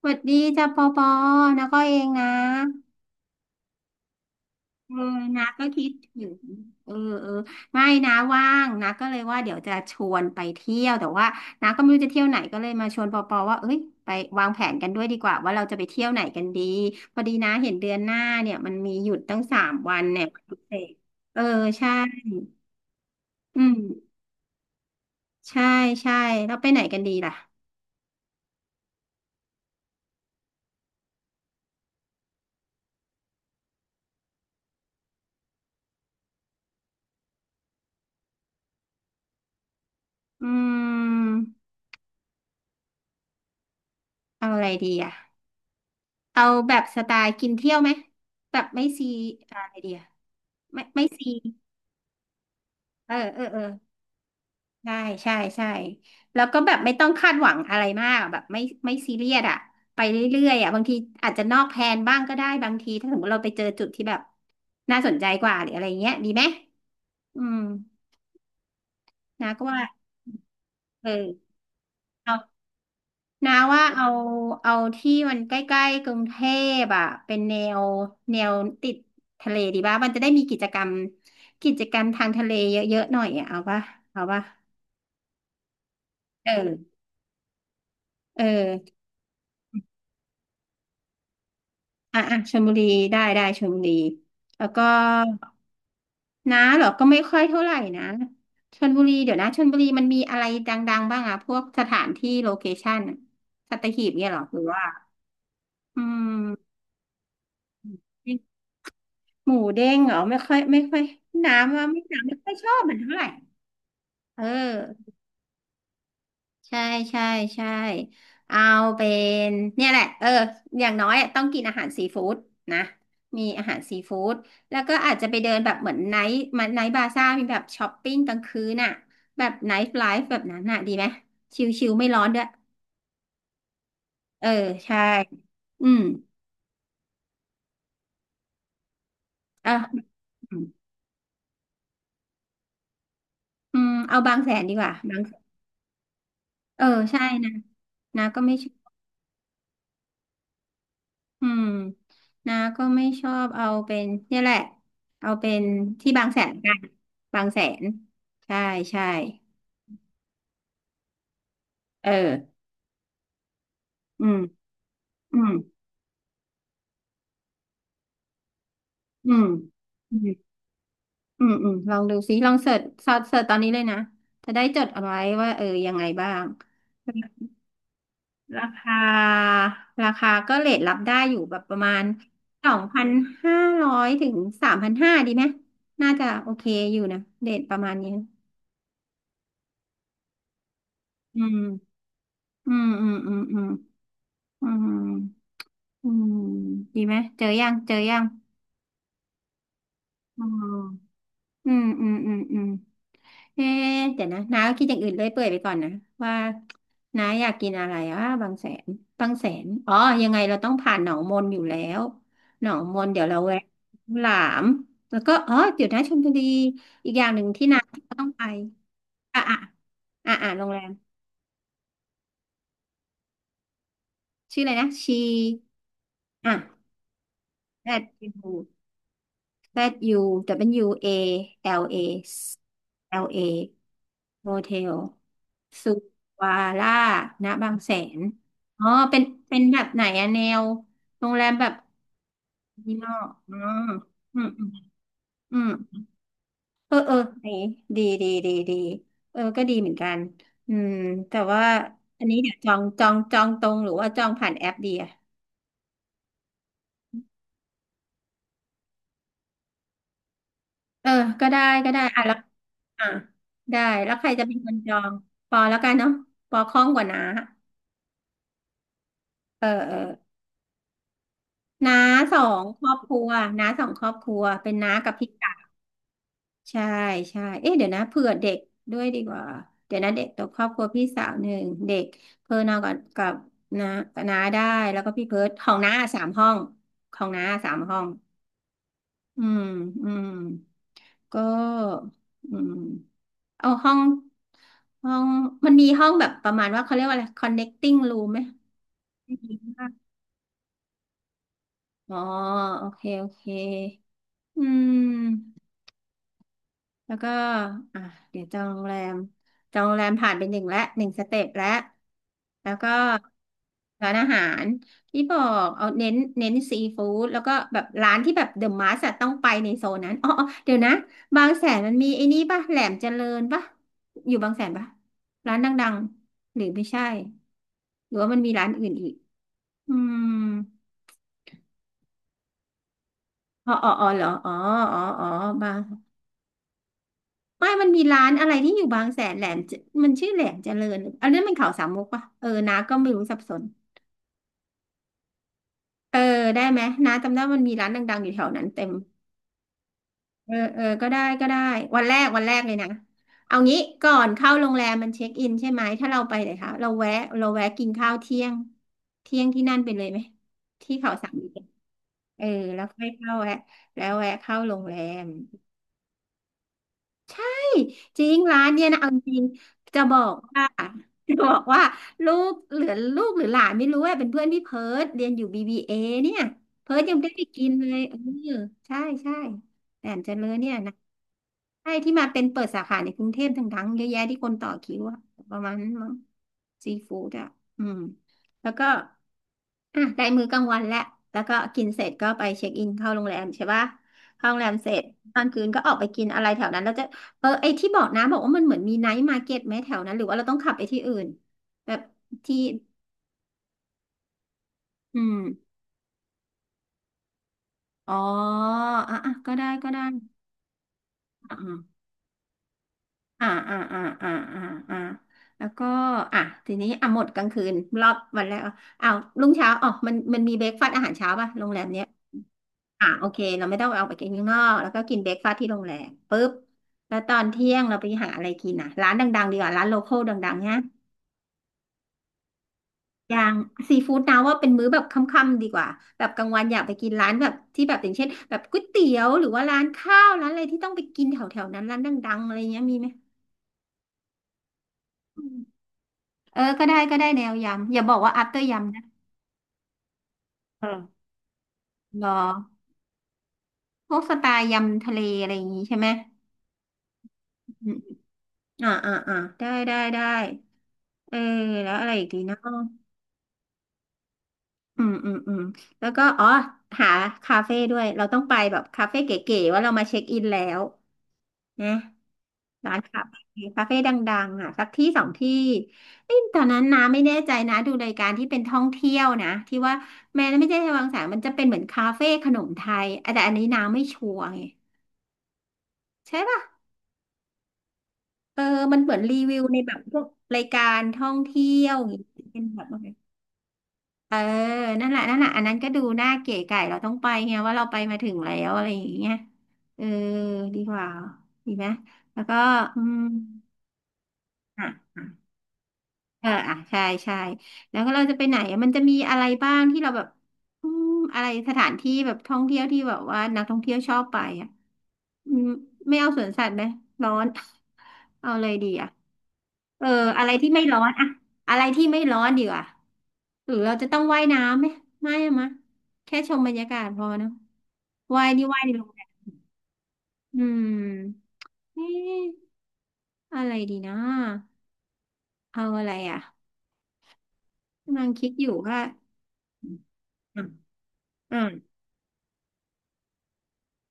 สวัสดีจ้าปอปอนะก็เองนะเออนะก็คิดถึงเออเออไม่นะว่างนะก็เลยว่าเดี๋ยวจะชวนไปเที่ยวแต่ว่านะก็ไม่รู้จะเที่ยวไหนก็เลยมาชวนปอปอว่าเอ้ยไปวางแผนกันด้วยดีกว่าว่าเราจะไปเที่ยวไหนกันดีพอดีนะเห็นเดือนหน้าเนี่ยมันมีหยุดตั้ง3 วันเนี่ยวันพิเศษเออใช่อืมใช่ใช่แล้วไปไหนกันดีล่ะอืมเอาอะไรดีอ่ะเอาแบบสไตล์กินเที่ยวไหมแบบไม่ซีอะไรดีอะ ไม่ไม่ซีเออเออเออใช่ใช่ใช่แล้วก็แบบไม่ต้องคาดหวังอะไรมากแบบไม่ไม่ซีเรียสอะไปเรื่อยๆอะบางทีอาจจะนอกแผนบ้างก็ได้บางทีถ้าสมมติเราไปเจอจุดที่แบบน่าสนใจกว่าหรืออะไรเงี้ยดีไหมอืมนะก็ว่าเออเอานาว่าเอาเอาที่มันใกล้ๆกรุงเทพอ่ะเป็นแนวแนวติดทะเลดีป่ะมันจะได้มีกิจกรรมกิจกรรมทางทะเลเยอะๆหน่อยอะเอาป่ะเอาป่ะเออ เอออ่ะอ่ะชลบุรีได้ได้ชลบุรีแล้วก็น้าเหรอก็ไม่ค่อยเท่าไหร่นะชลบุรีเดี๋ยวนะชลบุรีมันมีอะไรดังๆบ้างอะพวกสถานที่โลเคชั่นอะสัตหีบเนี่ยเหรอหรือว่าอืมหมูเด้งเหรอไม่ค่อยไม่ค่อยน้ำว่าไม่น้ำไม่ค่อยชอบมันเท่าไหร่เออ ใช่ใช่ใช่เอาเป็นเนี่ยแหละเอออย่างน้อยอะต้องกินอาหารซีฟู้ดนะมีอาหารซีฟู้ดแล้วก็อาจจะไปเดินแบบเหมือนไนท์มันไนท์บาซ่ามีแบบช้อปปิ้งกลางคืนน่ะแบบไนท์ไลฟ์แบบนั้นน่ะดีไหมชิลๆไม่ร้อนด้วยเออใช่อืมเอออืมเอาบางแสนดีกว่าบางแสนเออใช่นะนะก็ไม่ อืมนาก็ไม่ชอบเอาเป็นเนี่ยแหละเอาเป็นที่บางแสนกันบางแสนใช่ใช่เอออืมอืมอืมอืมอืมอืมลองดูซิลองเสิร์ชซอสเสิร์ชตอนนี้เลยนะจะได้จดเอาไว้ว่าเออยังไงบ้างราคาราคาก็เรทรับได้อยู่แบบประมาณ2,500ถึง3,500ดีไหมน่าจะโอเคอยู่นะเรทประมาณนี้อืมอืมอืมอืมอืม อืมอืมดีไหมเจอยังเจอยังอ๋ออืมอืมอืมอืมเอ๊ะเดี๋ยวนะน้าก็คิดอย่างอื่นเลื่อยเปื่อยไปก่อนนะว่าน้าอยากกินอะไรอ่ะบางแสนบางแสนอ๋อยังไงเราต้องผ่านหนองมนอยู่แล้วหนองมนเดี๋ยวเราแวะหลามแล้วก็อ๋อเดี๋ยวนะชลบุรีอีกอย่างหนึ่งที่น้าต้องไปอ่ะอ่ะอ่ะอ่ะโรงแรมชื่ออะไรนะชีอ่ะแอด Zuwalala Hotel สุวาร่าณบางแสนอ๋อ เป็นเป็นแบบไหนอะแนวโรงแรมแบบนี้เนาะอ๋ออืมอืม อืมเออเออดีดีดีดีดีเออก็ดีเหมือนกัน อืม แต่ว่าอันนี้เดี๋ยวจองตรงหรือว่าจองผ่านแอปดีอะ เออก็ได้ก็ได้อ่ะแล้วอ่ะได้แล้วใครจะเป็นคนจองปอแล้วกันเนาะปอคล่องกว่าน้าเออเออน้าสองครอบครัวน้าสองครอบครัวเป็นน้ากับพี่กัวใช่ใช่เอ๊ะเดี๋ยวนะเผื่อเด็กด้วยดีกว่าเดี๋ยวนะเด็กตัวครอบครัวพี่สาวหนึ่งเด็กเพิ่นเอากับกับน้าน้าได้ แล้วก็พี่เพิร์ทของน้าสามห้องของน้าสามห้องอืมอืมก็อืม เอาห้องห้องมันมีห้องแบบประมาณว่าเขาเรียกว่าอะไร connecting room ไหมไมมีค่ะอ๋อโอเคโอเคอืมแล้วก็อ่ะเดี๋ยวจองโรงแรมจองโรงแรมผ่านไปหนึ่งและหนึ่งสเต็ปแล้วแล้วก็ร้านอาหารที่บอกเอาเน้นซีฟู้ดแล้วก็แบบร้านที่แบบเดอะมาสต้องไปในโซนนั้นอ๋ออ๋อเดี๋ยวนะบางแสนมันมีไอ้นี่ป่ะแหลมเจริญป่ะอยู่บางแสนป่ะร้านดังๆหรือไม่ใช่ หรือว่ามันมีร้านอื่นอีกอืมอ๋ออ๋ออ๋อเหรออ๋ออ๋ออ๋อบางไม่มันมีร้านอะไรที่อยู่บางแสนแหลมเจมันชื่อแหลมเจริญอันนั้นมันเขาสามมุกปะเออน้าก็ไม่รู้สับสนเออได้ไหมน้าจำได้มันมีร้านดังๆอยู่แถวนั้นเต็มเออเออก็ได้ก็ได้วันแรกวันแรกเลยนะเอางี้ก่อนเข้าโรงแรมมันเช็คอินใช่ไหมถ้าเราไปไหนคะเราแวะเราแวะกินข้าวเที่ยง เที่ยงที่นั่นไปเลยไหม ที่เขาสามมุกเออแล้วค่อยเข้าแวะแล้วแวะเข้าโรงแรม จริงร้านเนี่ยนะเอาจริงจะบอกว่าจะบอกว่าลูกเหลือลูกหรือหลานไม่รู้ว่าเป็นเพื่อนพี่เพิร์ดเรียนอยู่ BBA เอเนี่ยเพิร์ดยังไม่ได้ไปกินเลยเออใช่ใช่แต่เจริญเนี่ยนะใช่ที่มาเป็นเปิดสาขาในกรุงเทพทั้งๆเยอะแยะที่คนต่อคิวอะประมาณนั้นมั้งซีฟู้ดอะอืมแล้วก็อ่ะได้มื้อกลางวันแล้วแล้วก็กินเสร็จก็ไปเช็คอินเข้าโรงแรมใช่ปะเข้าโรงแรมเสร็จตอนคืนก็ออกไปกินอะไรแถวนั้นแล้ว เออไอที่บอกนะบอกว่ามันเหมือนมีไนท์มาร์เก็ตไหมแถวนั้นหรือว่าเราต้องขับไปที่อื่นแบบที่อืมอ๋ออ่ะอ่ะก็ได้ก็ได้อ่าอ่าอ่าอ่าอ่าอ่าอ่าแล้วก็อ่ะทีนี้อ่ะหมดกลางคืนรอบวันแรกอ่ะอ้าวรุ่งเช้าอ๋อมันมีเบรกฟาสต์อาหารเช้าป่ะโรงแรมเนี้ยอ่ะโอเคเราไม่ต้องเอาไปกินข้างนอกแล้วก็กินเบรกฟาสต์ที่โรงแรมปุ๊บแล้วตอนเที่ยงเราไปหาอะไรกินอ่ะร้านดังๆดีกว่าร้านโลคอลดังๆเนี่ย อย่างซีฟู้ดนะว่าเป็นมื้อแบบค่ำๆดีกว่าแบบกลางวันอยากไปกินร้านแบบที่แบบอย่างเช่นแบบก๋วยเตี๋ยวหรือว่าร้านข้าวร้านอะไรที่ต้องไปกินแถวๆนั้นร้านดังๆอะไรเงี้ยมีไหมอืมเออก็ได้ก็ได้แนวยำอย่าบอกว่า after ยำนะคอะรอพวกสไตล์ยำทะเลอะไรอย่างงี้ใช่ไหมอืมได้ได้ได้เออแล้วอะไรอีกดีเนาะอืมอืมอืมแล้วก็อ๋อหาคาเฟ่ด้วยเราต้องไปแบบคาเฟ่เก๋ๆว่าเรามาเช็คอินแล้วนะ ร้านคาเฟ่คาเฟ่ดังๆอ่ะสักที่สองที่เอ้ยตอนนั้นน้าไม่แน่ใจนะดูรายการที่เป็นท่องเที่ยวนะที่ว่าแม้ไม่ใช่วังสามมันจะเป็นเหมือนคาเฟ่ขนมไทยอ่ะแต่อันนี้น้าไม่ชัวร์ไงใช่ป่ะเออมันเหมือนรีวิวในแบบพวกรายการท่องเที่ยวอย่างงี้เป็นแบบว่าเออนั่นแหละนั่นแหละอันนั้นก็ดูน่าเก๋ไก๋เราต้องไปไงว่าเราไปมาถึงแล้วอะไรอย่างเงี้ยเออดีกว่าดีไหมแล้วก็อืมอ่ะ เอออ่ะใช่ใช่แล้วก็เราจะไปไหนอะมันจะมีอะไรบ้างที่เราแบบอืมอะไรสถานที่แบบท่องเที่ยวที่แบบว่านักท่องเที่ยวชอบไปอ่ะอืมไม่เอาสวนสัตว์ไหมร้อน เอาอะไรดีอ่ะเอออะไรที่ไม่ร้อนอะอะไรที่ไม่ร้อนดีกว่าหรือเราจะต้องว่ายน้ำไหมไม่อะมะแค่ชมบรรยากาศพอเนอะว่ายนี่ว่ายในโรงแรมอืมเอ๊ะอะไรดีนะเอาอะไรอ่ะ กำลังคิดอยู่ว่าอืมอืม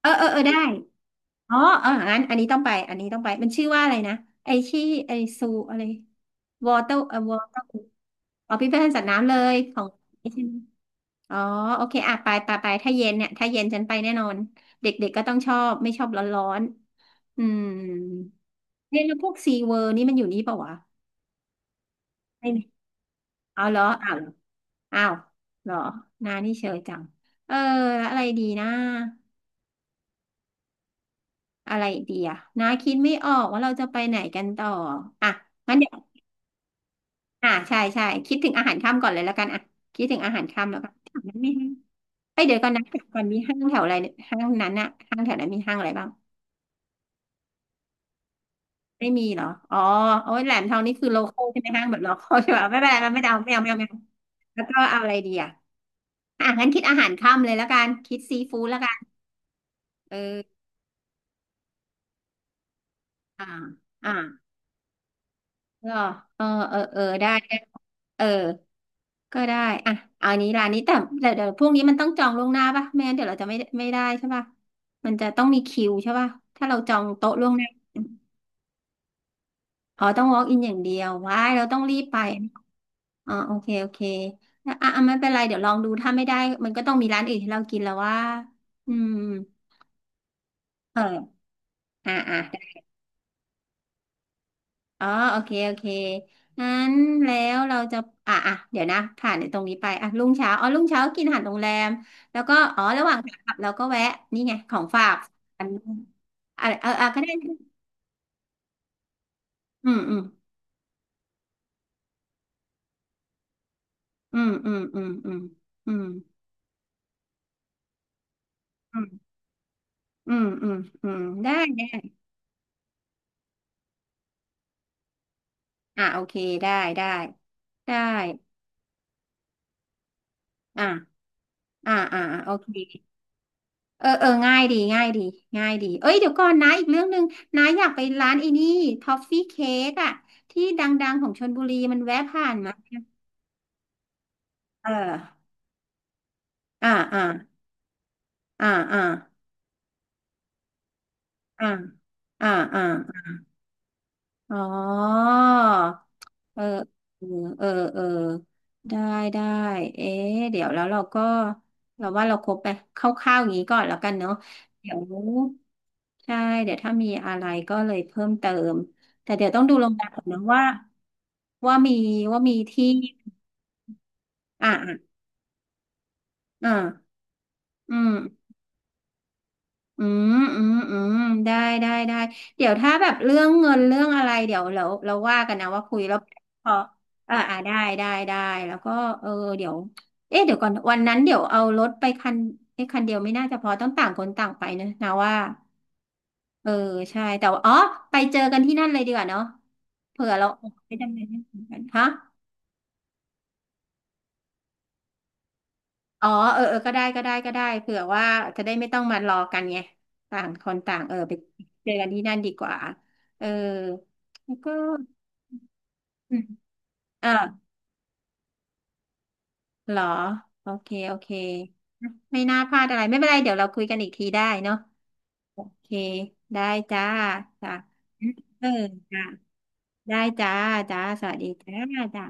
เออเออเออได้อ๋อเอองั้นอันนี้ต้องไป อันนี้ต้องไป มันชื่อว่าอะไรนะไอที่ไอซูอะไรวอเตอร์วอเตอร์อ๋อพิพิธภัณฑ์สัตว์น้ำเลยของนี่ใช่ไหมอ๋อโอเคอ่ะไปไปไปถ้าเย็นเนี่ยถ้าเย็นฉันไปแน่นอนเด็กๆก็ต้องชอบไม่ชอบร้อนๆอืมเนี่ยแล้วพวกซีเวิร์นี่มันอยู่นี่ปะวะ ไม่มีเอาเหรออ้าวอ้าวเหรอนานี่เชยจังเออแล้วอะไรดีนะ อะไรดีอะน้าคิดไม่ออกว่าเราจะไปไหนกันต่ออ่ะงั้นเดี๋ยวอ่ะใช่ใช่คิดถึงอาหารค่ำก่อนเลยแล้วกันอ่ะคิดถึงอาหารค่ำแล้วกันแถวนั้นมีห้างไปเดี๋ยวก่อนนะก่อนมีห้างแถวอะไรเนี่ยห้างนั้นอะห้างแถวนั้นมีห้างอะไรบ้าง ไม่มีเหรออ๋อโอ้ยแหลมทองนี่คือโลคอลใช่ไหมห้างแบบโลคอลใช่ป่ะไม่เป็นไรมันไม่เอาไม่เอาไม่เอาไม่เอาแล้วก็เอาอะไรดีอะอ่ะงั้นคิดอาหารค่ำเลยแล้วกัน คิดซีฟู้ดแล้วกัน เอออ่าอ่าเ็อเออ เออเออได้ได้เออก็ได้ อ่ะเอาอันนี้ร้านนี้แต่แต่เดี๋ยวพวกนี้มันต้องจองล่วงหน้าป่ะไม่งั้นเดี๋ยวเราจะไม่ได้ใช่ป่ะมันจะต้องมีคิวใช่ป่ะถ้าเราจองโต๊ะล่วงหน้าอ๋อต้อง walk in อย่างเดียวว้ายเราต้องรีบไปอ๋อโอเคโอเคแล้วอ่ะอ่ะไม่เป็นไรเดี๋ยวลองดู ถ้าไม่ได้มันก็ต้องมีร้านอื่นให้เรากินแล้วว่าอืมเอออ่ะอ่ะ อ๋อโอเคโอเคงั้นแล้วเราจะอ่ะอ่ะเดี๋ยวนะผ่านในตรงนี้ไปอ่ะรุ่งเช้าอ๋อรุ่งเช้ากินอาหารโรงแรมแล้วก็อ๋อระหว่างขากลับเราก็แวะนี่ไงของฝากอันอะไรเออก็ได้อืมอืมอืมอืมอืมอืมอืมอืมอืมอืมอืมได้ได้อ่ะโอเคได้ได้ได้อ่ะอ่ะอ่ะโอเค เออเออง่ายดีง่ายดีง่ายดีเอ้ยเดี๋ยวก่อนนะอีกเรื่องหนึ่งนะอยากไปร้านไอ้นี่ท็อฟฟี่เค้กอะที่ดังๆของชลบุรีมันแวะผ่านมาเอออ่าอ่าอ่าอ่าอ่าอ่าอ่า อ๋อเออเออเออ เออ ได้ได้เอ๊ะเดี๋ยวแล้วเราก็เราว่าเราครบไปคร่าวๆอย่างนี้ก่อนแล้วกันเนาะ เดี๋ยวใช่ เดี๋ยวถ้ามีอะไรก็เลยเพิ่มเติม แต่เดี๋ยวต้องดูโรงแรมก่อนนะว่าว่ามีว่ามีที่อ่ะอ่ะอ่ะอืม อืมอืมอืมได้ได้ได้เดี๋ยวถ้าแบบเรื่องเงินเรื่องอะไรเดี๋ยวเราว่ากันนะว่าคุยแล้วพออ่าอ่าได้ได้ได้แล้วก็เออเดี๋ยวเอ๊ะเดี๋ยวก่อนวันนั้นเดี๋ยวเอารถไปคันไอ้ยคันเดียวไม่น่าจะพอต้องต่างคนต่างไปนะว่าเออใช่แต่ว่าอ๋อไปเจอกันที่นั่นเลยดีกว่าเนาะเผื่อเราไปทำอะไรที่สำคันฮะ อ๋อเออเออก็ได้เผื่อว่าจะได้ไม่ต้องมารอกันไงต่างคนต่างเออไปเจอกันที่นั่นดีกว่าเออแล้วก็อืมอ่ะเหรอโอเคโอเคไม่น่าพลาดอะไรไม่เป็นไรเดี๋ยวเราคุยกันอีกทีได้เนาะโอเคได้จ้าจ้าเออจ้าได้จ้าจ้าสวัสดีจ้าจ้า